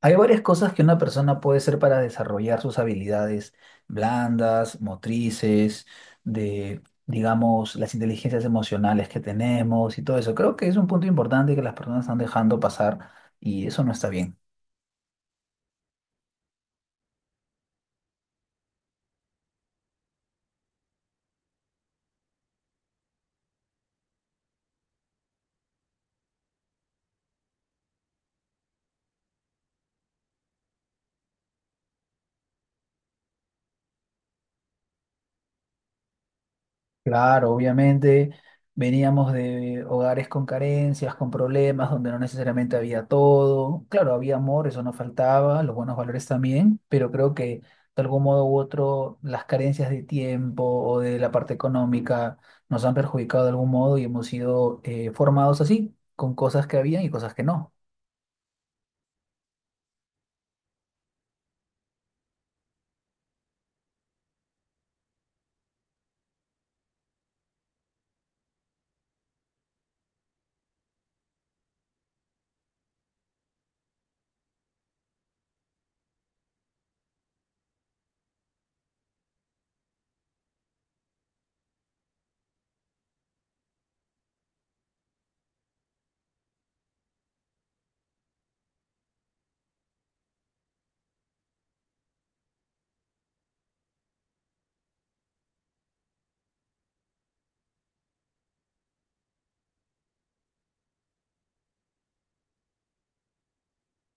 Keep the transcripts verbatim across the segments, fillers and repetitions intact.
Hay varias cosas que una persona puede hacer para desarrollar sus habilidades blandas, motrices, de, digamos, las inteligencias emocionales que tenemos y todo eso. Creo que es un punto importante que las personas están dejando pasar y eso no está bien. Claro, obviamente veníamos de hogares con carencias, con problemas, donde no necesariamente había todo. Claro, había amor, eso no faltaba, los buenos valores también, pero creo que de algún modo u otro las carencias de tiempo o de la parte económica nos han perjudicado de algún modo y hemos sido eh, formados así, con cosas que habían y cosas que no.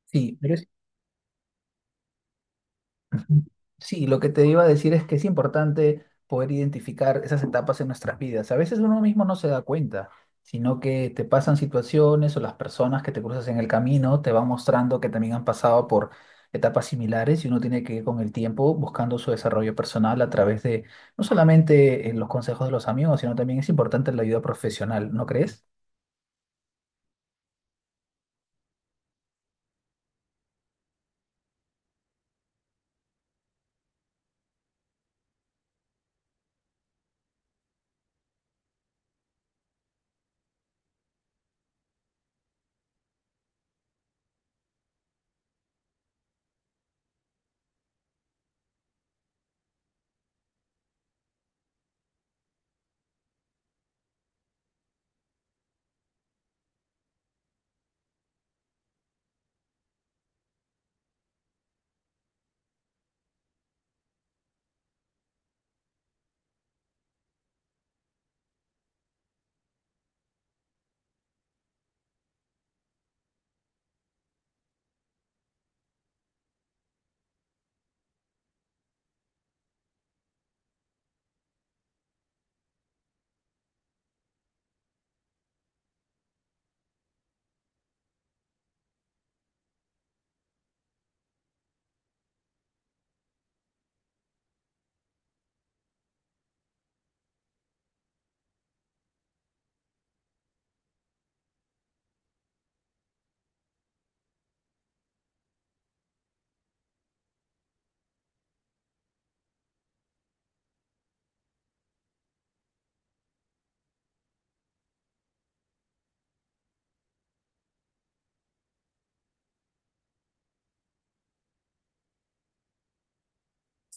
Sí, pero es ujú. Sí, lo que te iba a decir es que es importante poder identificar esas etapas en nuestras vidas. A veces uno mismo no se da cuenta, sino que te pasan situaciones o las personas que te cruzas en el camino te van mostrando que también han pasado por etapas similares y uno tiene que ir con el tiempo buscando su desarrollo personal a través de no solamente eh, los consejos de los amigos, sino también es importante la ayuda profesional, ¿no crees?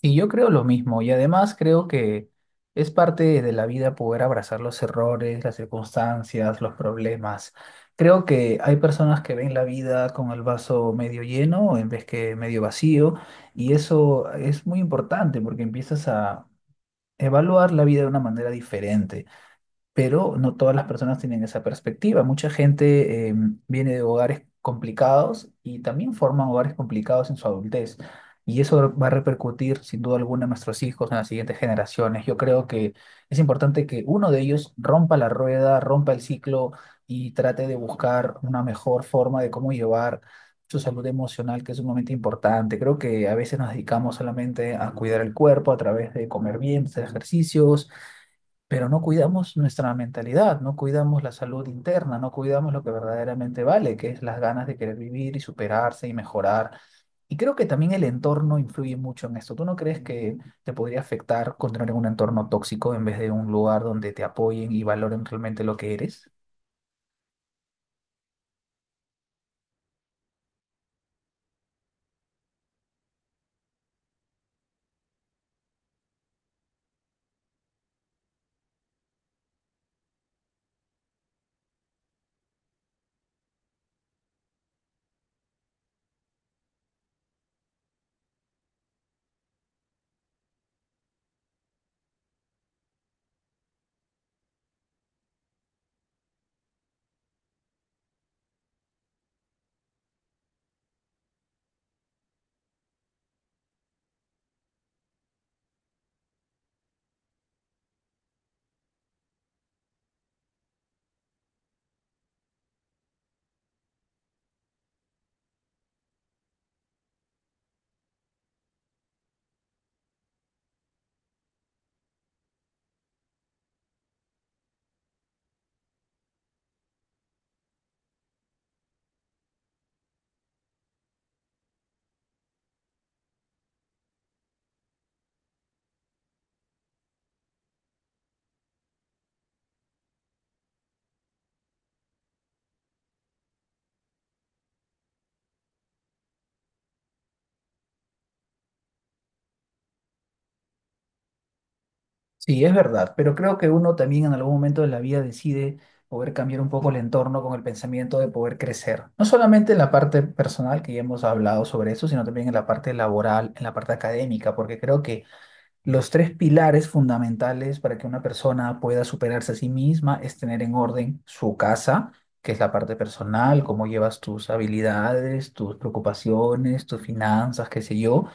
Y yo creo lo mismo, y además creo que es parte de la vida poder abrazar los errores, las circunstancias, los problemas. Creo que hay personas que ven la vida con el vaso medio lleno en vez que medio vacío, y eso es muy importante porque empiezas a evaluar la vida de una manera diferente, pero no todas las personas tienen esa perspectiva. Mucha gente eh, viene de hogares complicados y también forman hogares complicados en su adultez. Y eso va a repercutir sin duda alguna en nuestros hijos, en las siguientes generaciones. Yo creo que es importante que uno de ellos rompa la rueda, rompa el ciclo y trate de buscar una mejor forma de cómo llevar su salud emocional, que es sumamente importante. Creo que a veces nos dedicamos solamente a cuidar el cuerpo a través de comer bien, hacer ejercicios, pero no cuidamos nuestra mentalidad, no cuidamos la salud interna, no cuidamos lo que verdaderamente vale, que es las ganas de querer vivir y superarse y mejorar. Y creo que también el entorno influye mucho en esto. ¿Tú no crees que te podría afectar continuar en un entorno tóxico en vez de un lugar donde te apoyen y valoren realmente lo que eres? Sí, es verdad, pero creo que uno también en algún momento de la vida decide poder cambiar un poco el entorno con el pensamiento de poder crecer. No solamente en la parte personal, que ya hemos hablado sobre eso, sino también en la parte laboral, en la parte académica, porque creo que los tres pilares fundamentales para que una persona pueda superarse a sí misma es tener en orden su casa, que es la parte personal, cómo llevas tus habilidades, tus preocupaciones, tus finanzas, qué sé yo.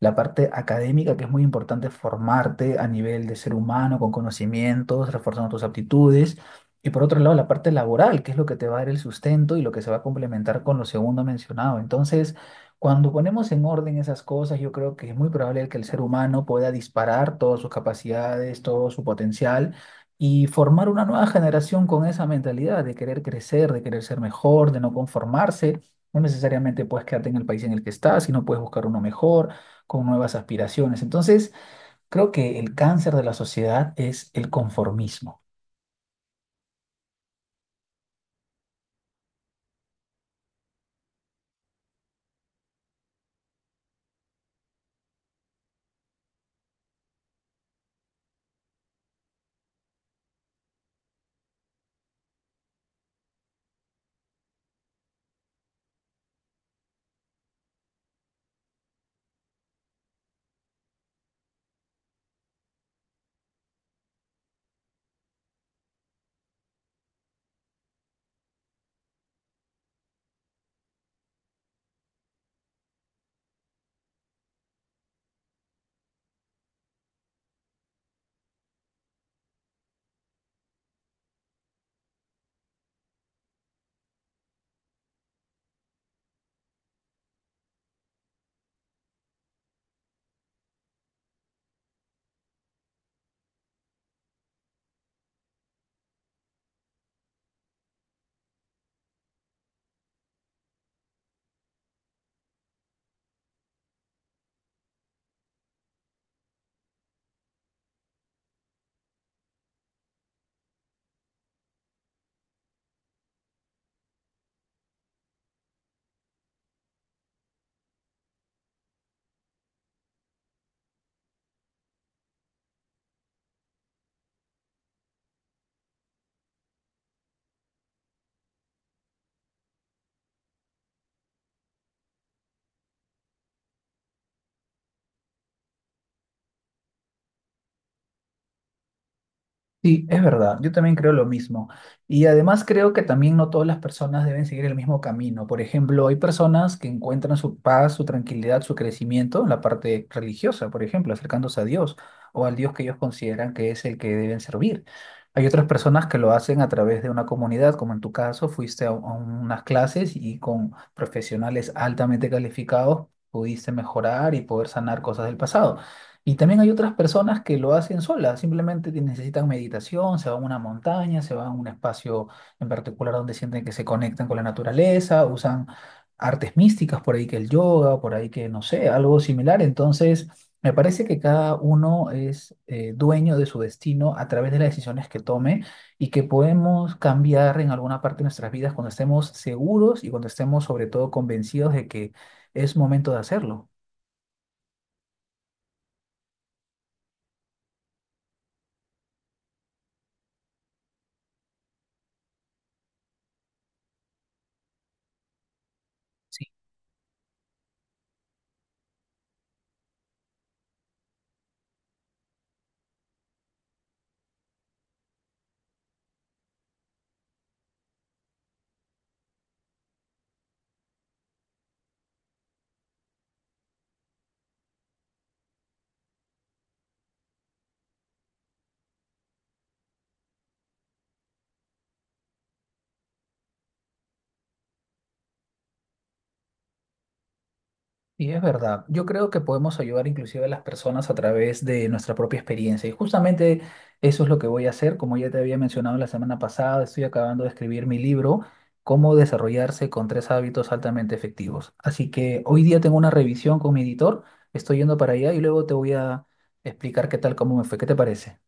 La parte académica, que es muy importante formarte a nivel de ser humano, con conocimientos, reforzando tus aptitudes. Y por otro lado, la parte laboral, que es lo que te va a dar el sustento y lo que se va a complementar con lo segundo mencionado. Entonces, cuando ponemos en orden esas cosas, yo creo que es muy probable que el ser humano pueda disparar todas sus capacidades, todo su potencial, y formar una nueva generación con esa mentalidad de querer crecer, de querer ser mejor, de no conformarse. No necesariamente puedes quedarte en el país en el que estás, sino puedes buscar uno mejor, con nuevas aspiraciones. Entonces, creo que el cáncer de la sociedad es el conformismo. Sí, es verdad, yo también creo lo mismo. Y además creo que también no todas las personas deben seguir el mismo camino. Por ejemplo, hay personas que encuentran su paz, su tranquilidad, su crecimiento en la parte religiosa, por ejemplo, acercándose a Dios o al Dios que ellos consideran que es el que deben servir. Hay otras personas que lo hacen a través de una comunidad, como en tu caso, fuiste a, a unas clases y con profesionales altamente calificados pudiste mejorar y poder sanar cosas del pasado. Y también hay otras personas que lo hacen solas, simplemente ti- necesitan meditación, se van a una montaña, se van a un espacio en particular donde sienten que se conectan con la naturaleza, usan artes místicas, por ahí que el yoga, por ahí que no sé, algo similar. Entonces, me parece que cada uno es eh, dueño de su destino a través de las decisiones que tome y que podemos cambiar en alguna parte de nuestras vidas cuando estemos seguros y cuando estemos sobre todo convencidos de que es momento de hacerlo. Y es verdad, yo creo que podemos ayudar inclusive a las personas a través de nuestra propia experiencia. Y justamente eso es lo que voy a hacer, como ya te había mencionado la semana pasada, estoy acabando de escribir mi libro, Cómo desarrollarse con tres hábitos altamente efectivos. Así que hoy día tengo una revisión con mi editor, estoy yendo para allá y luego te voy a explicar qué tal, cómo me fue, ¿qué te parece?